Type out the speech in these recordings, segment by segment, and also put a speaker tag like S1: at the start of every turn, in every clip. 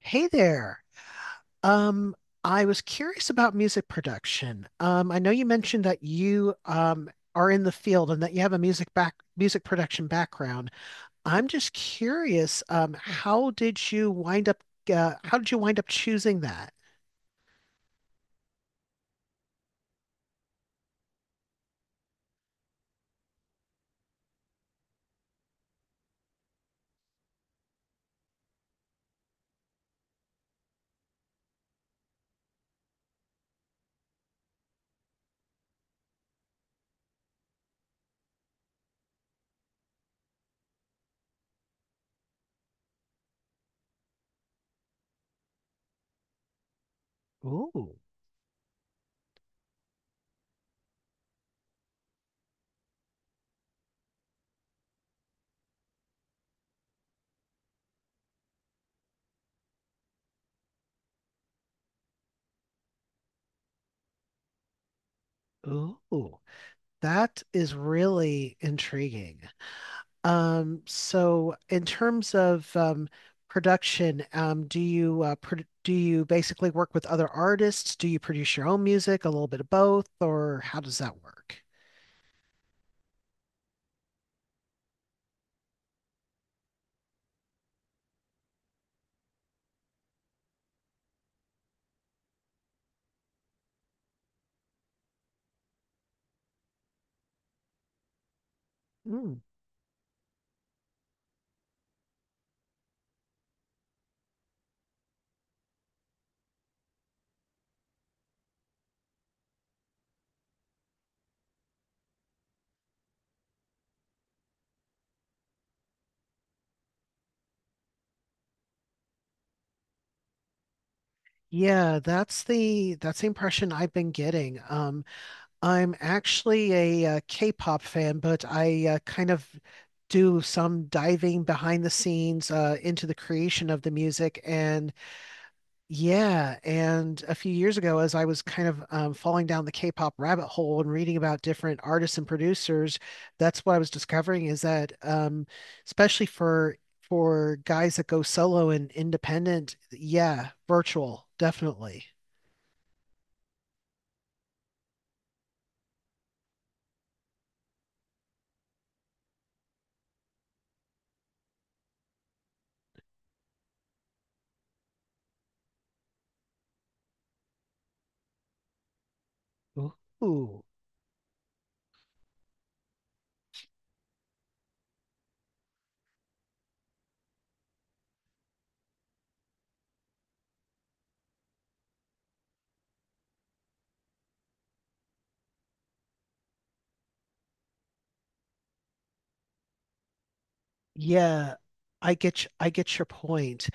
S1: Hey there. Um, I was curious about music production. I know you mentioned that you are in the field and that you have a music production background. I'm just curious, how did you wind up choosing that? Ooh, ooh, that is really intriguing. So in terms of production, do you pro do you basically work with other artists? Do you produce your own music, a little bit of both, or how does that work? Mm. Yeah, that's the impression I've been getting. I'm actually a, K-pop fan, but I kind of do some diving behind the scenes into the creation of the music, and yeah, and a few years ago, as I was kind of falling down the K-pop rabbit hole and reading about different artists and producers, that's what I was discovering is that, especially for guys that go solo and independent, yeah, virtual, definitely. Ooh, yeah, I get your point.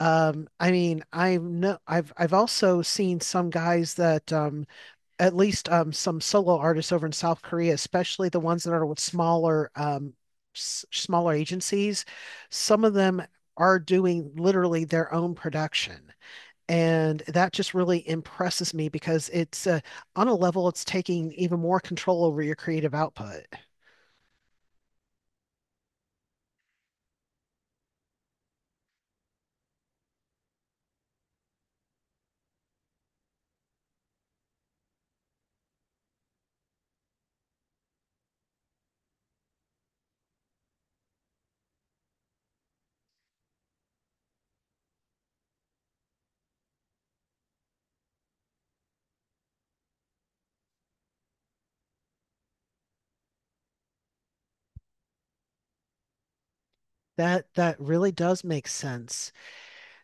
S1: I mean, I know I've also seen some guys that at least some solo artists over in South Korea, especially the ones that are with smaller smaller agencies. Some of them are doing literally their own production. And that just really impresses me because it's on a level it's taking even more control over your creative output. That really does make sense.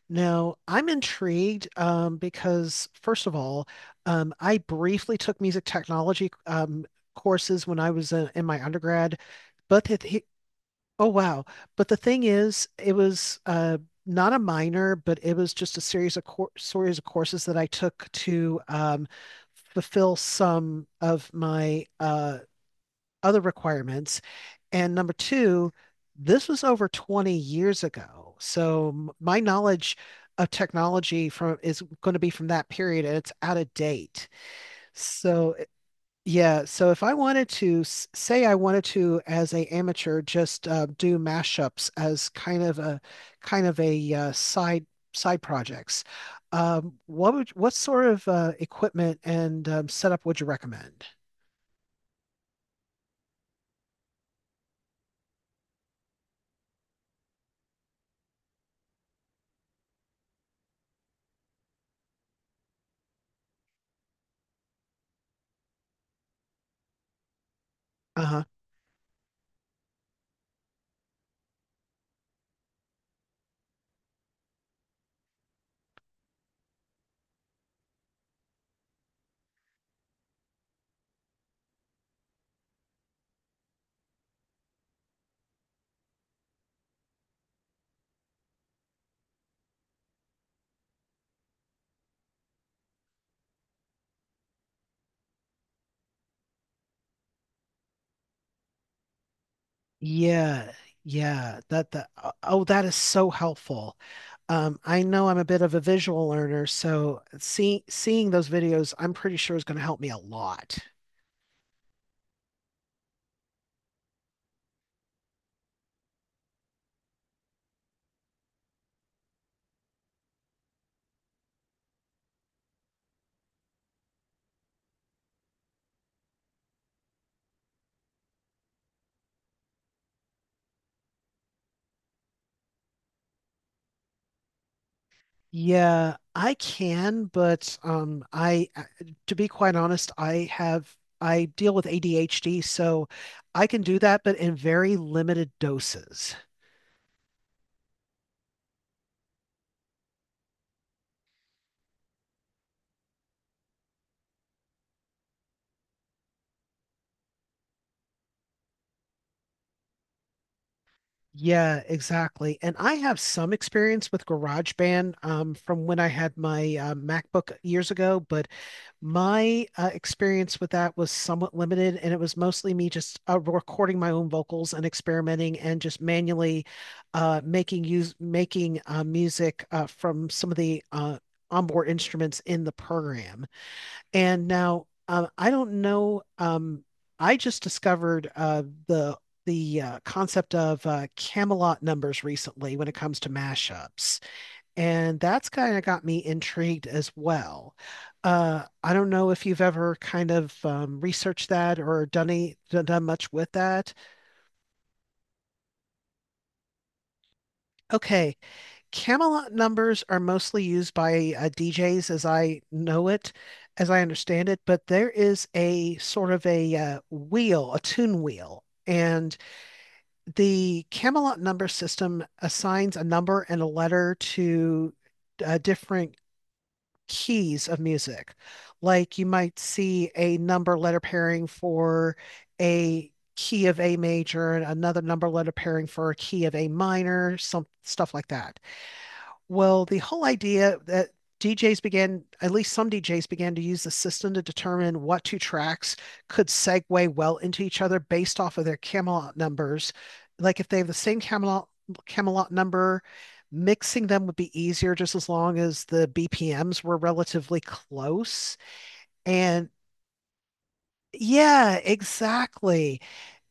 S1: Now, I'm intrigued because, first of all, I briefly took music technology courses when I was in my undergrad, but oh wow! But the thing is, it was not a minor, but it was just a series of courses that I took to fulfill some of my other requirements. And number two, this was over 20 years ago. So my knowledge of technology from is going to be from that period and it's out of date. So eh, yeah, so if I wanted to say I wanted to as a amateur just do mashups as kind of a side projects, what would what sort of equipment and setup would you recommend? Uh-huh. Yeah. Yeah. That that is so helpful. I know I'm a bit of a visual learner, so seeing those videos, I'm pretty sure is going to help me a lot. Yeah, I can, but to be quite honest, I have I deal with ADHD, so I can do that, but in very limited doses. Yeah, exactly. And I have some experience with GarageBand from when I had my MacBook years ago, but my experience with that was somewhat limited, and it was mostly me just recording my own vocals and experimenting and just manually making music from some of the onboard instruments in the program. And now I don't know. I just discovered the the concept of Camelot numbers recently when it comes to mashups. And that's kind of got me intrigued as well. I don't know if you've ever kind of researched that or done done much with that. Okay, Camelot numbers are mostly used by DJs as I know it, as I understand it, but there is a sort of a wheel, a tune wheel. And the Camelot number system assigns a number and a letter to different keys of music. Like you might see a number letter pairing for a key of A major and another number letter pairing for a key of A minor, some stuff like that. Well, the whole idea that DJs began, at least some DJs began to use the system to determine what two tracks could segue well into each other based off of their Camelot numbers. Like if they have the same Camelot number, mixing them would be easier just as long as the BPMs were relatively close. And yeah, exactly.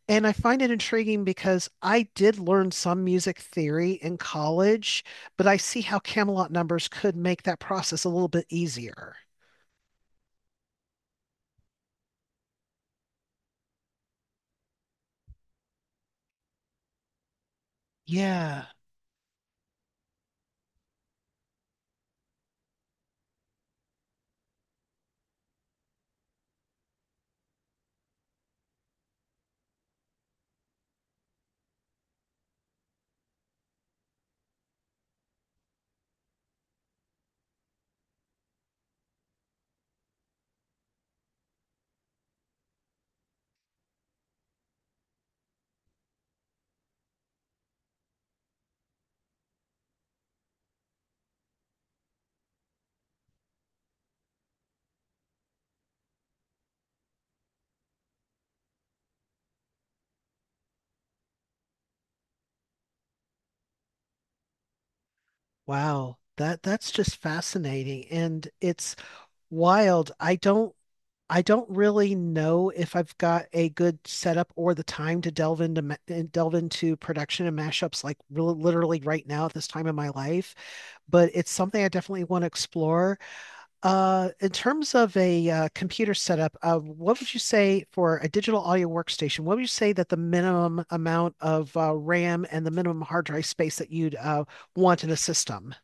S1: And I find it intriguing because I did learn some music theory in college, but I see how Camelot numbers could make that process a little bit easier. Yeah. Wow. That that's just fascinating and it's wild. I don't really know if I've got a good setup or the time to delve into ma- and delve into production and mashups like real literally right now at this time in my life, but it's something I definitely want to explore. In terms of a computer setup, what would you say for a digital audio workstation? What would you say that the minimum amount of RAM and the minimum hard drive space that you'd want in a system?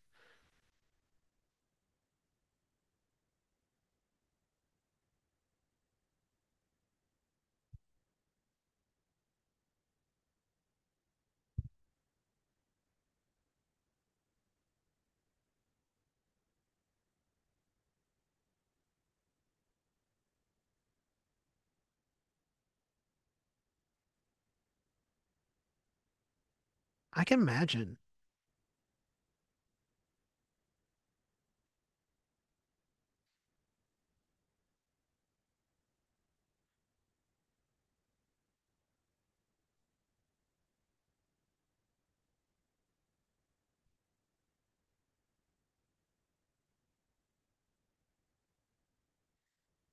S1: I can imagine.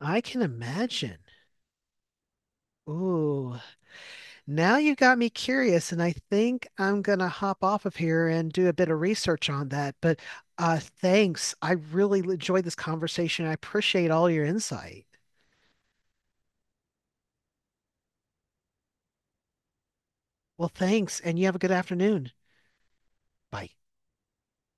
S1: I can imagine. Ooh, now you got me curious, and I think I'm gonna hop off of here and do a bit of research on that. But thanks. I really enjoyed this conversation. I appreciate all your insight. Well, thanks, and you have a good afternoon. Bye.